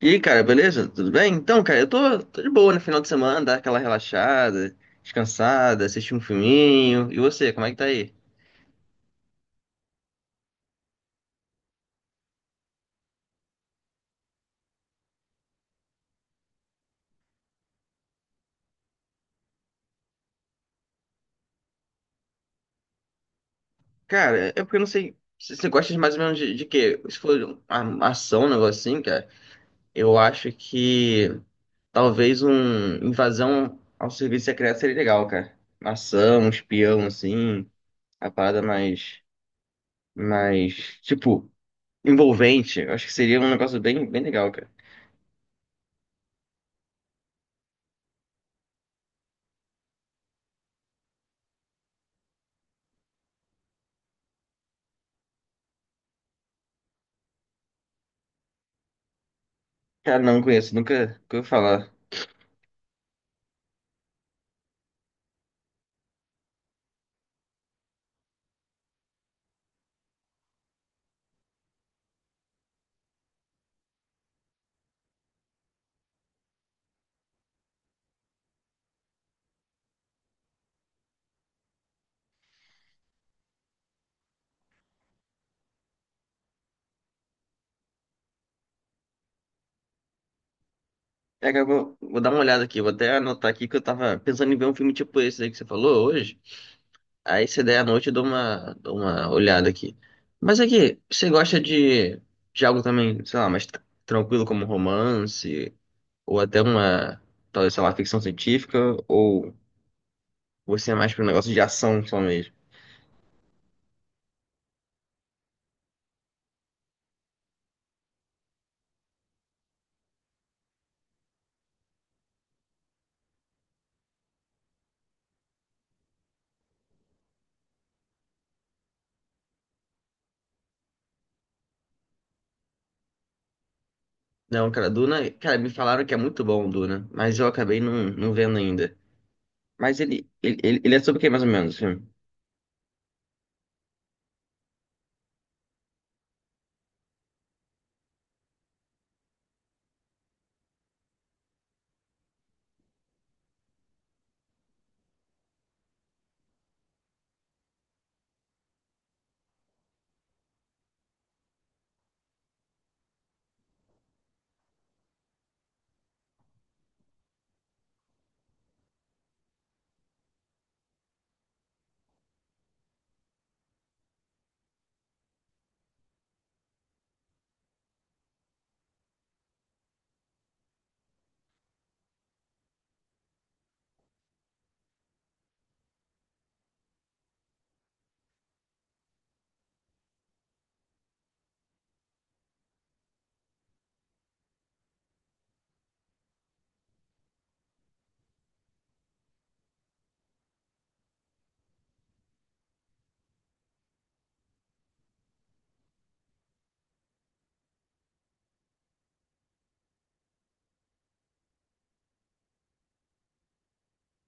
E aí, cara, beleza? Tudo bem? Então, cara, eu tô de boa no final de semana, dar aquela relaxada, descansada, assistir um filminho. E você, como é que tá aí? Cara, é porque eu não sei se você gosta de mais ou menos de, quê? Se for uma ação, um negócio assim, cara, eu acho que talvez um invasão ao serviço secreto seria legal, cara. Uma ação, um espião, assim, a parada mais, mais, envolvente. Eu acho que seria um negócio bem, bem legal, cara. Cara, não conheço, nunca ouvi falar. É que eu vou dar uma olhada aqui, vou até anotar aqui que eu tava pensando em ver um filme tipo esse aí que você falou hoje. Aí se der à noite eu dou uma olhada aqui. Mas aqui, você gosta de algo também, sei lá, tranquilo como romance, ou até uma, talvez, sei lá, ficção científica, ou você é mais pro negócio de ação só mesmo? Não, cara, Duna, cara, me falaram que é muito bom o Duna, mas eu acabei não vendo ainda. Mas ele é sobre o que mais ou menos o filme?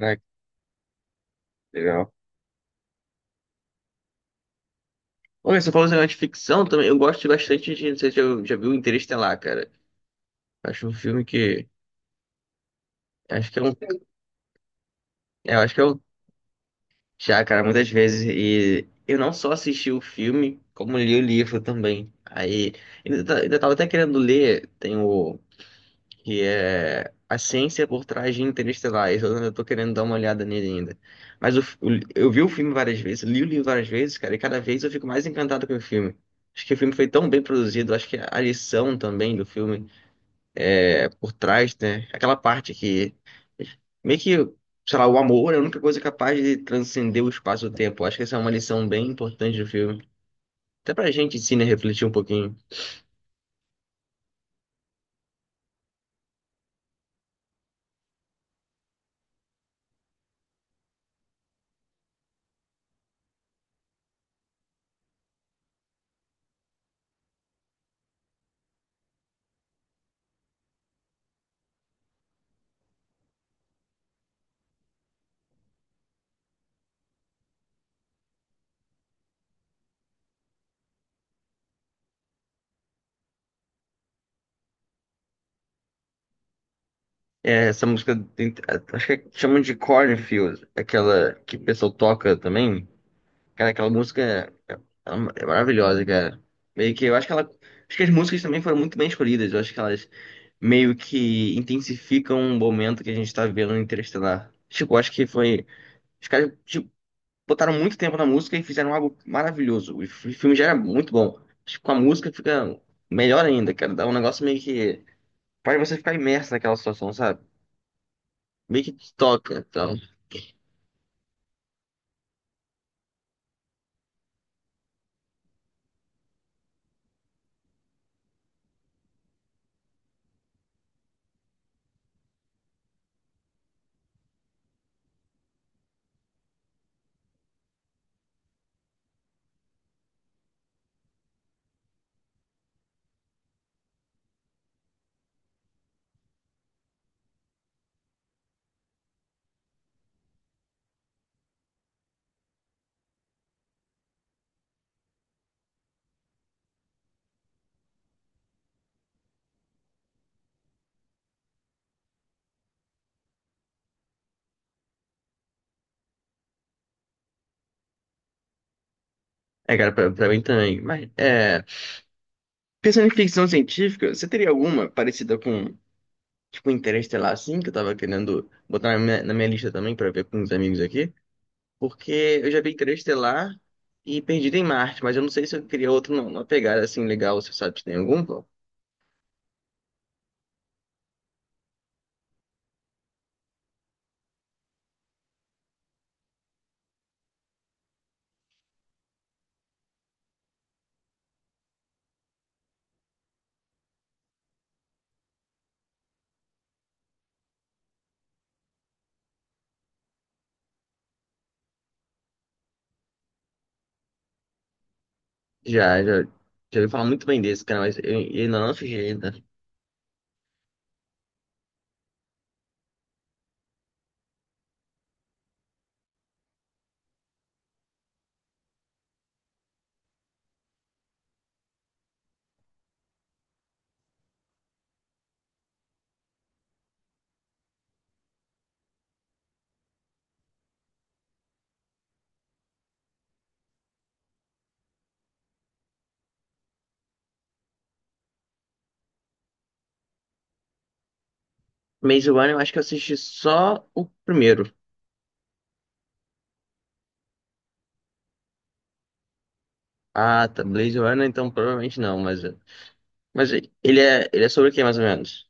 Ah, que legal. Olha, você falou esse negócio de ficção também. Eu gosto bastante de. Não sei se já viu Interestelar, cara. Acho um filme que. Acho que é um. Eu acho que eu já, cara, muitas vezes. E eu não só assisti o filme, como li o livro também. Aí. Ainda tava até querendo ler. Tem o. Que é. A Ciência por Trás de Interestelar. Esse eu ainda tô querendo dar uma olhada nele ainda. Mas o f- o li- eu vi o filme várias vezes, li o livro várias vezes, cara, e cada vez eu fico mais encantado com o filme. Acho que o filme foi tão bem produzido, acho que a lição também do filme. Por trás, né? Aquela parte que meio que, sei lá, o amor é a única coisa capaz de transcender o espaço e o tempo. Acho que essa é uma lição bem importante do filme. Até pra gente, sim, né, refletir um pouquinho. É, essa música, acho que chamam de Cornfield, aquela que o pessoal toca também. Cara, aquela música é, é maravilhosa, cara. Meio que eu acho que ela. Acho que as músicas também foram muito bem escolhidas. Eu acho que elas meio que intensificam o momento que a gente tá vendo no Interestelar. Tipo, acho que foi. Os caras, tipo, botaram muito tempo na música e fizeram algo maravilhoso. Filme já era muito bom. Acho que com a música fica melhor ainda, cara. Dá um negócio meio que. Faz você ficar imerso naquela situação, sabe? Meio que te toca, então. É, cara, pra mim também. Mas, é. Pensando em ficção científica, você teria alguma parecida com, tipo, Interestelar, assim, que eu tava querendo botar na na minha lista também pra ver com os amigos aqui? Porque eu já vi Interestelar e Perdido em Marte, mas eu não sei se eu queria outro, não. Uma pegada assim legal, você sabe se tem algum? Já, já, Já ouvi falar muito bem desse, cara, mas eu ainda não assisti ainda. Maze Runner, eu acho que eu assisti só o primeiro. Ah, tá. Maze Runner, então provavelmente não, mas. Mas ele é sobre o que, mais ou menos?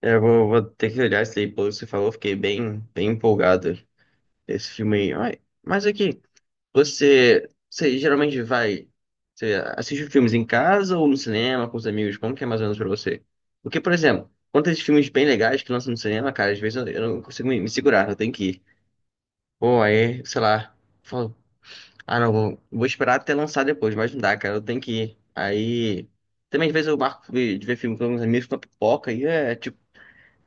Vou ter que olhar isso aí, pelo que você falou, fiquei bem, bem empolgado. Esse filme aí. Ai, mas aqui, você, você geralmente vai, você assiste filmes em casa ou no cinema com os amigos? Como que é mais ou menos pra você? Porque, por exemplo, quando tem esses filmes bem legais que lançam no cinema, cara, às vezes eu não consigo me segurar, eu tenho que ir. Pô, aí, sei lá, falo, ah não, vou esperar até lançar depois, mas não dá, cara, eu tenho que ir. Aí, também às vezes eu marco de ver filme com uns amigos com a pipoca e é tipo,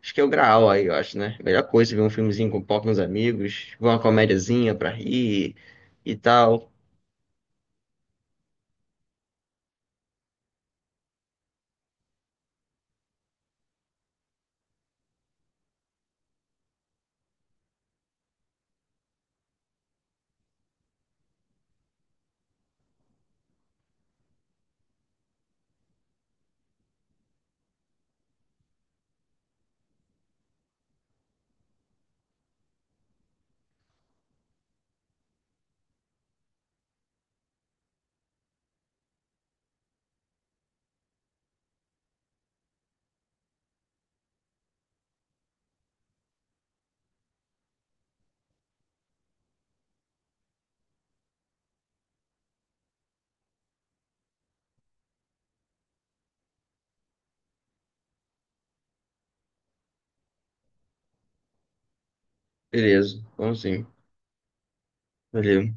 acho que é o graal aí, eu acho, né? Melhor coisa é ver um filmezinho com pipoca com os amigos, ver uma comédiazinha pra rir e tal. Beleza, vamos sim. Valeu.